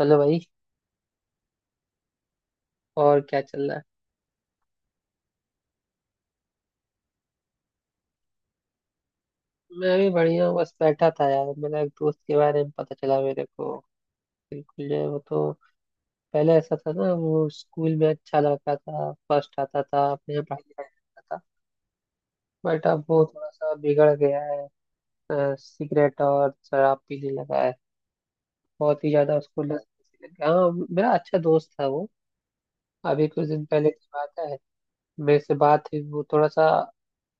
Hello भाई। और क्या चल रहा है। मैं भी बढ़िया हूँ, बस बैठा था यार, मेरा एक दोस्त के बारे में पता चला मेरे को। बिल्कुल जो है वो तो पहले ऐसा था ना, वो स्कूल में अच्छा लड़का था, फर्स्ट आता था, अपने यहाँ पढ़ाई लिखाई करता था। बट अब वो थोड़ा सा बिगड़ गया है। सिगरेट और शराब पीने लगा है। बहुत ही ज्यादा उसको लत लग गया। हाँ, मेरा अच्छा दोस्त था वो। अभी कुछ दिन पहले की बात है, मेरे से बात हुई, वो थोड़ा सा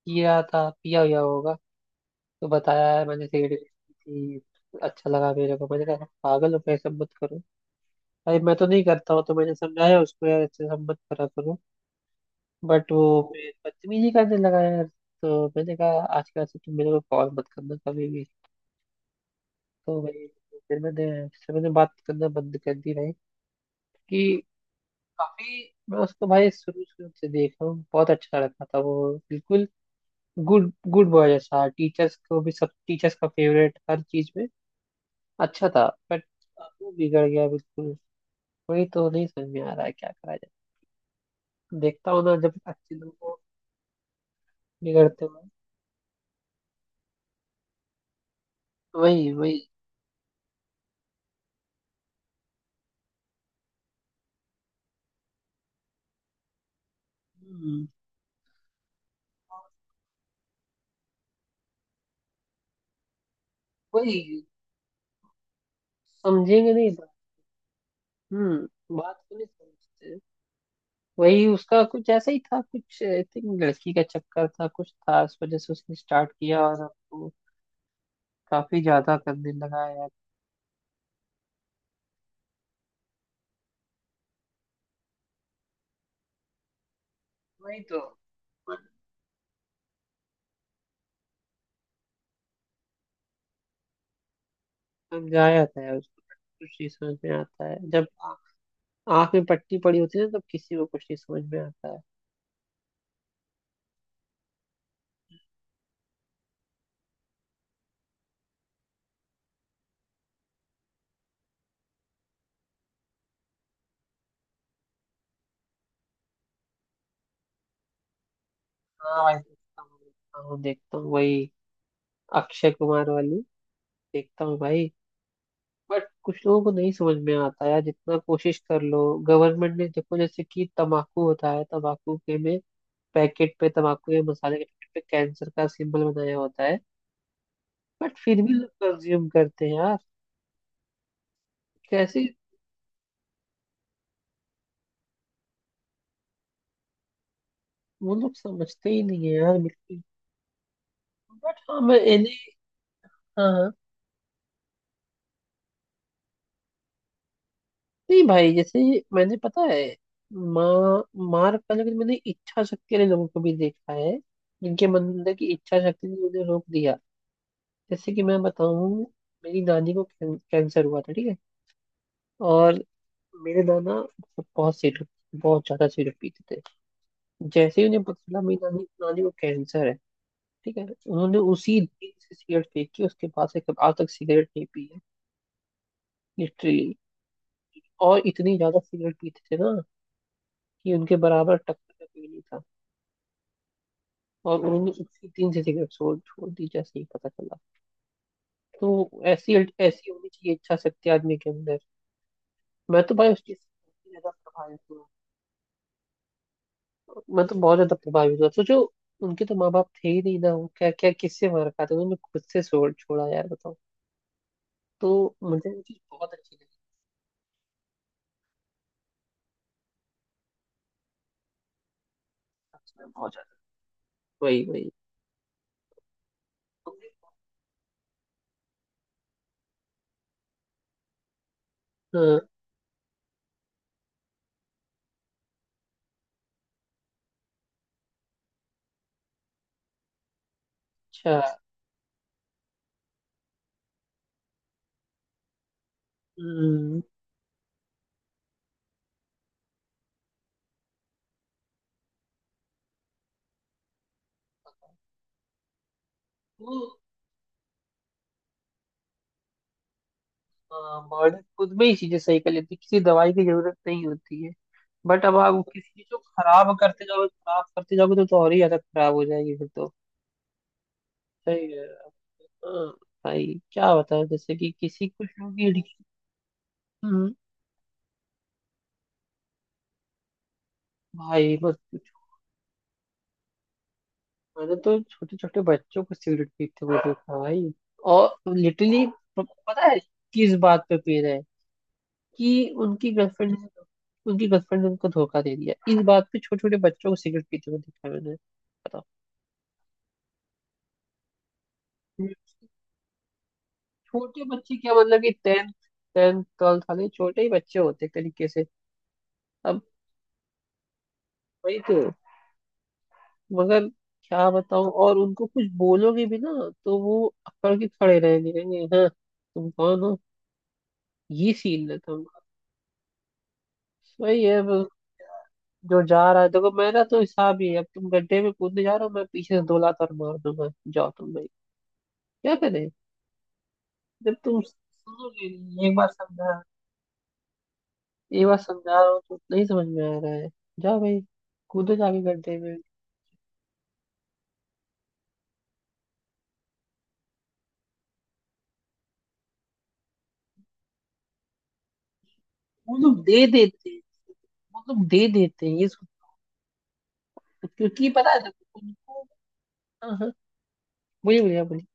पिया था, पिया हुआ होगा। तो बताया, यार मैंने सिगरेट पी थी, अच्छा लगा मेरे को। मैंने कहा पागल हो गए, सब मत करो भाई, मैं तो नहीं करता हूँ। तो मैंने समझाया उसको, यार अच्छे सब मत करा करो। बट वो फिर बदतमीजी करने लगा यार। तो मैंने कहा आजकल से तुम मेरे को कॉल मत करना कभी भी। तो भाई फिर मैंने फिर मैंने बात करना बंद कर दी भाई, कि काफी। मैं उसको भाई शुरू शुरू से देख रहा हूँ, बहुत अच्छा लगता था वो। बिल्कुल गुड गुड बॉय जैसा, टीचर्स को भी, सब टीचर्स का फेवरेट, हर चीज में अच्छा था। बट अब वो बिगड़ गया बिल्कुल। वही तो नहीं समझ में आ रहा है क्या करा जाए। देखता हूँ ना जब अच्छे लोगों को बिगड़ते हुए। वही वही। हम्म, वही समझेंगे नहीं बात। हम्म। बात को नहीं समझते। वही उसका कुछ ऐसा ही था, कुछ आई थिंक लड़की का चक्कर था, कुछ था, उस वजह से उसने स्टार्ट किया और अब वो काफी ज्यादा करने लगा है यार। वही तो, समझाया था यार उसको, कुछ नहीं समझ में आता है। जब आंख में पट्टी पड़ी होती है ना, तब किसी को कुछ नहीं समझ में आता है। हाँ भाई, देखता हूँ देखता हूँ देखता हूँ। वही अक्षय कुमार वाली, देखता हूँ भाई। बट कुछ लोगों को नहीं समझ में आता यार, जितना कोशिश कर लो। गवर्नमेंट ने देखो, जैसे कि तम्बाकू होता है, तम्बाकू के में पैकेट पे, तम्बाकू के मसाले के पैकेट पे कैंसर का सिंबल बनाया होता है, बट फिर भी लोग कंज्यूम करते हैं यार। कैसे। वो लोग समझते ही नहीं है यार, बिल्कुल। बट हाँ मैं इन्हें। हाँ हाँ। नहीं भाई जैसे, मैंने पता है, माँ मार का, लेकिन मैंने इच्छा शक्ति वाले लोगों को भी देखा है, जिनके अंदर की इच्छा शक्ति ने उन्हें रोक दिया। जैसे कि मैं बताऊं, मेरी नानी को कैंसर हुआ था, ठीक है। और मेरे नाना मतलब बहुत सिरप, बहुत ज्यादा सिरप पीते थे। जैसे ही उन्हें पता चला मेरी नानी नानी को कैंसर है, ठीक है, उन्होंने उसी दिन से सिगरेट फेंकी, उसके बाद से कब आज तक सिगरेट नहीं पी है, लिटरली। और इतनी ज्यादा सिगरेट पीते थे ना, कि उनके बराबर टक्कर का कोई नहीं था। और उन्होंने उसी दिन से सिगरेट छोड़ छोड़ दी, जैसे ही पता चला। तो ऐसी ऐसी होनी चाहिए इच्छा शक्ति आदमी के अंदर। मैं तो भाई उस चीज से बहुत ज्यादा प्रभावित हूँ। मैं तो बहुत ज्यादा प्रभावित हुआ, सोचो उनके तो माँ बाप थे ही नहीं ना, वो क्या क्या किससे मार खाते, उन्होंने खुद से छोड़ छोड़ा यार, बताओ। तो मुझे वो चीज बहुत अच्छी लगी, सच में बहुत ज्यादा। वही वही। तो, हाँ, अच्छा। हम्म, तो हाँ, बॉडी खुद में ही चीजें सही कर लेती है, किसी दवाई की जरूरत नहीं होती है। बट अब आप किसी चीज को खराब करते जाओगे, खराब करते जाओगे तो और ही आदत खराब हो जाएगी फिर तो। सही है। हाँ, भाई क्या बताएं, जैसे कि किसी कुछ लोग की एडिक्शन, भाई बस कुछ। मैंने तो छोटे छोटे बच्चों को सिगरेट पीते हुए देखा भाई, और लिटरली पता है किस बात पे पी रहे हैं, कि उनकी गर्लफ्रेंड ने उनको धोखा दे दिया, इस बात पे छोटे छोटे बच्चों को सिगरेट पीते हुए देखा है मैंने, बताओ। छोटे बच्चे क्या, मतलब कि टेंथ टेंथ ट्वेल्थ वाले, छोटे ही बच्चे होते एक तरीके से। अब वही तो, मगर क्या बताऊं। और उनको कुछ बोलोगे भी ना, तो वो अकड़ के खड़े रहेंगे, कहेंगे हाँ तुम कौन हो। ये सीन रहता है उनका। वही है बस। जो जा रहा है देखो, मेरा तो हिसाब ही है, अब तुम गड्ढे में कूदने जा रहे हो, मैं पीछे से दो लात और मार दूंगा, जाओ तुम भाई, क्या करें। जब तुम सुनोगे नहीं, एक बार समझा रहा हूँ तो नहीं समझ में आ रहा है, जाओ भाई, कूदो जाके गड्ढे में। वो लोग दे देते हैं वो लोग दे देते हैं। क्योंकि पता है देखो, उनको। हाँ हाँ, बोलिए बोलिए, आप बोलिए।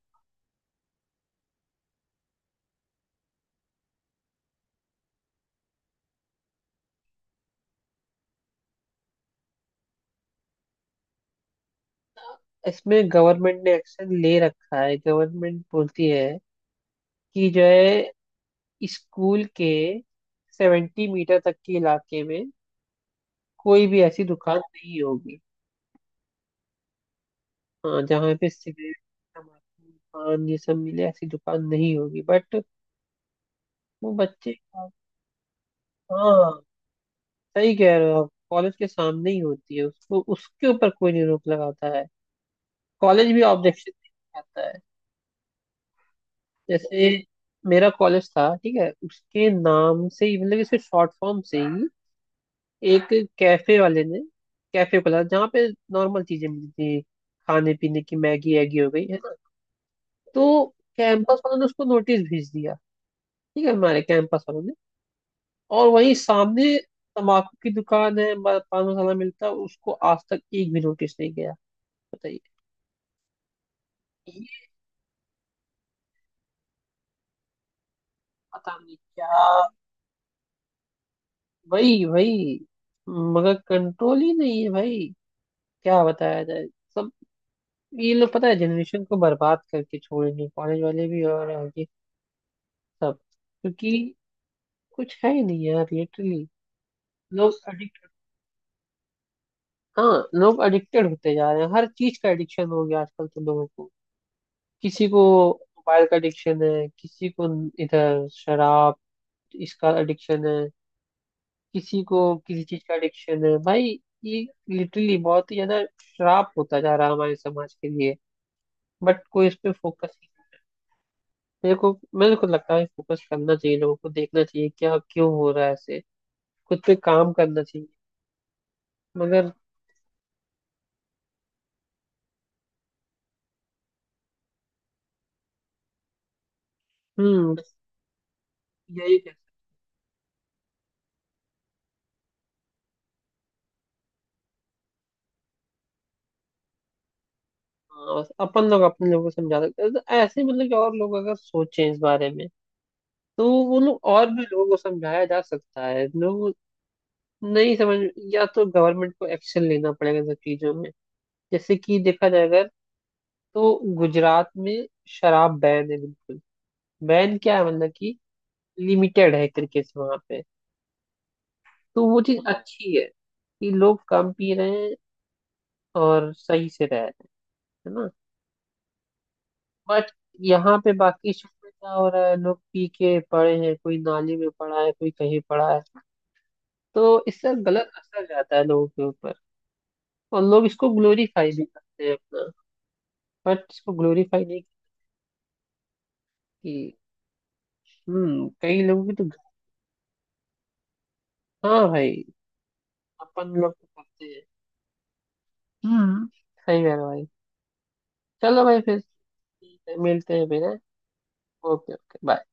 इसमें गवर्नमेंट ने एक्शन ले रखा है, गवर्नमेंट बोलती है कि जो है, स्कूल के 70 मीटर तक के इलाके में कोई भी ऐसी दुकान नहीं होगी, हाँ जहाँ पे सिगरेट तम्बाकू पान ये सब मिले, ऐसी दुकान नहीं होगी। बट वो बच्चे का- हाँ, सही कह रहे हो आप, कॉलेज के सामने ही होती है, उसको उसके ऊपर कोई नहीं रोक लगाता है, कॉलेज भी ऑब्जेक्शन आता है। जैसे मेरा कॉलेज था, ठीक है, उसके नाम से ही, मतलब इसके शॉर्ट फॉर्म से ही, एक कैफे वाले ने कैफे खोला जहाँ पे नॉर्मल चीजें मिलती थी, खाने पीने की, मैगी एगी हो गई है ना। तो कैंपस वालों ने उसको नोटिस भेज दिया, ठीक है, हमारे कैंपस वालों ने। और वहीं सामने तम्बाकू की दुकान है, पान मसाला मिलता है, उसको आज तक एक भी नोटिस नहीं गया, बताइए। ये पता नहीं क्या। वही वही, मगर कंट्रोल ही नहीं है भाई, क्या बताया जाए। सब ये लोग पता है जनरेशन को बर्बाद करके छोड़ेंगे, कॉलेज वाले भी और आगे सब, क्योंकि कुछ है ही नहीं यार, लिटरली। लोग अडिक्ट, हाँ लोग एडिक्टेड होते जा रहे हैं, हर चीज का एडिक्शन हो गया आजकल तो लोगों को। किसी को मोबाइल का एडिक्शन है, किसी को इधर शराब इसका एडिक्शन है, किसी को, किसी चीज का एडिक्शन है भाई। ये लिटरली बहुत ही ज्यादा श्राप होता जा रहा है हमारे समाज के लिए, बट कोई इस पे फोकस नहीं। मेरे को मेरे को लगता है फोकस करना चाहिए, लोगों को देखना चाहिए क्या क्यों हो रहा है ऐसे, खुद पे काम करना चाहिए, मगर। हम्म, बस यही कह सकते हैं। हाँ, बस अपन लोग अपने लोगों को समझा सकते हैं, तो ऐसे मतलब कि और लोग अगर सोचें इस बारे में, तो वो लोग और भी लोगों को समझाया जा सकता है। लोग नहीं समझ, या तो गवर्नमेंट को एक्शन लेना पड़ेगा इन सब चीजों में। जैसे कि देखा जाएगा तो गुजरात में शराब बैन है बिल्कुल, बैन क्या है मतलब कि लिमिटेड है क्रिकेट से वहां पे। तो वो चीज अच्छी है कि लोग कम पी रहे हैं और सही से रह रहे हैं, है ना। बट यहाँ पे बाकी शहर में क्या हो रहा है, लोग पी के पड़े हैं, कोई नाली में पड़ा है, कोई कहीं पड़ा है। तो इससे गलत असर जाता है लोगों के ऊपर, और लोग इसको ग्लोरीफाई भी करते हैं अपना, बट इसको ग्लोरीफाई नहीं। कि कई लोगों की तो, हाँ भाई अपन लोग तो करते हैं। हम्म, सही कह रहे हो भाई। चलो भाई फिर मिलते हैं फिर। Okay okay bye.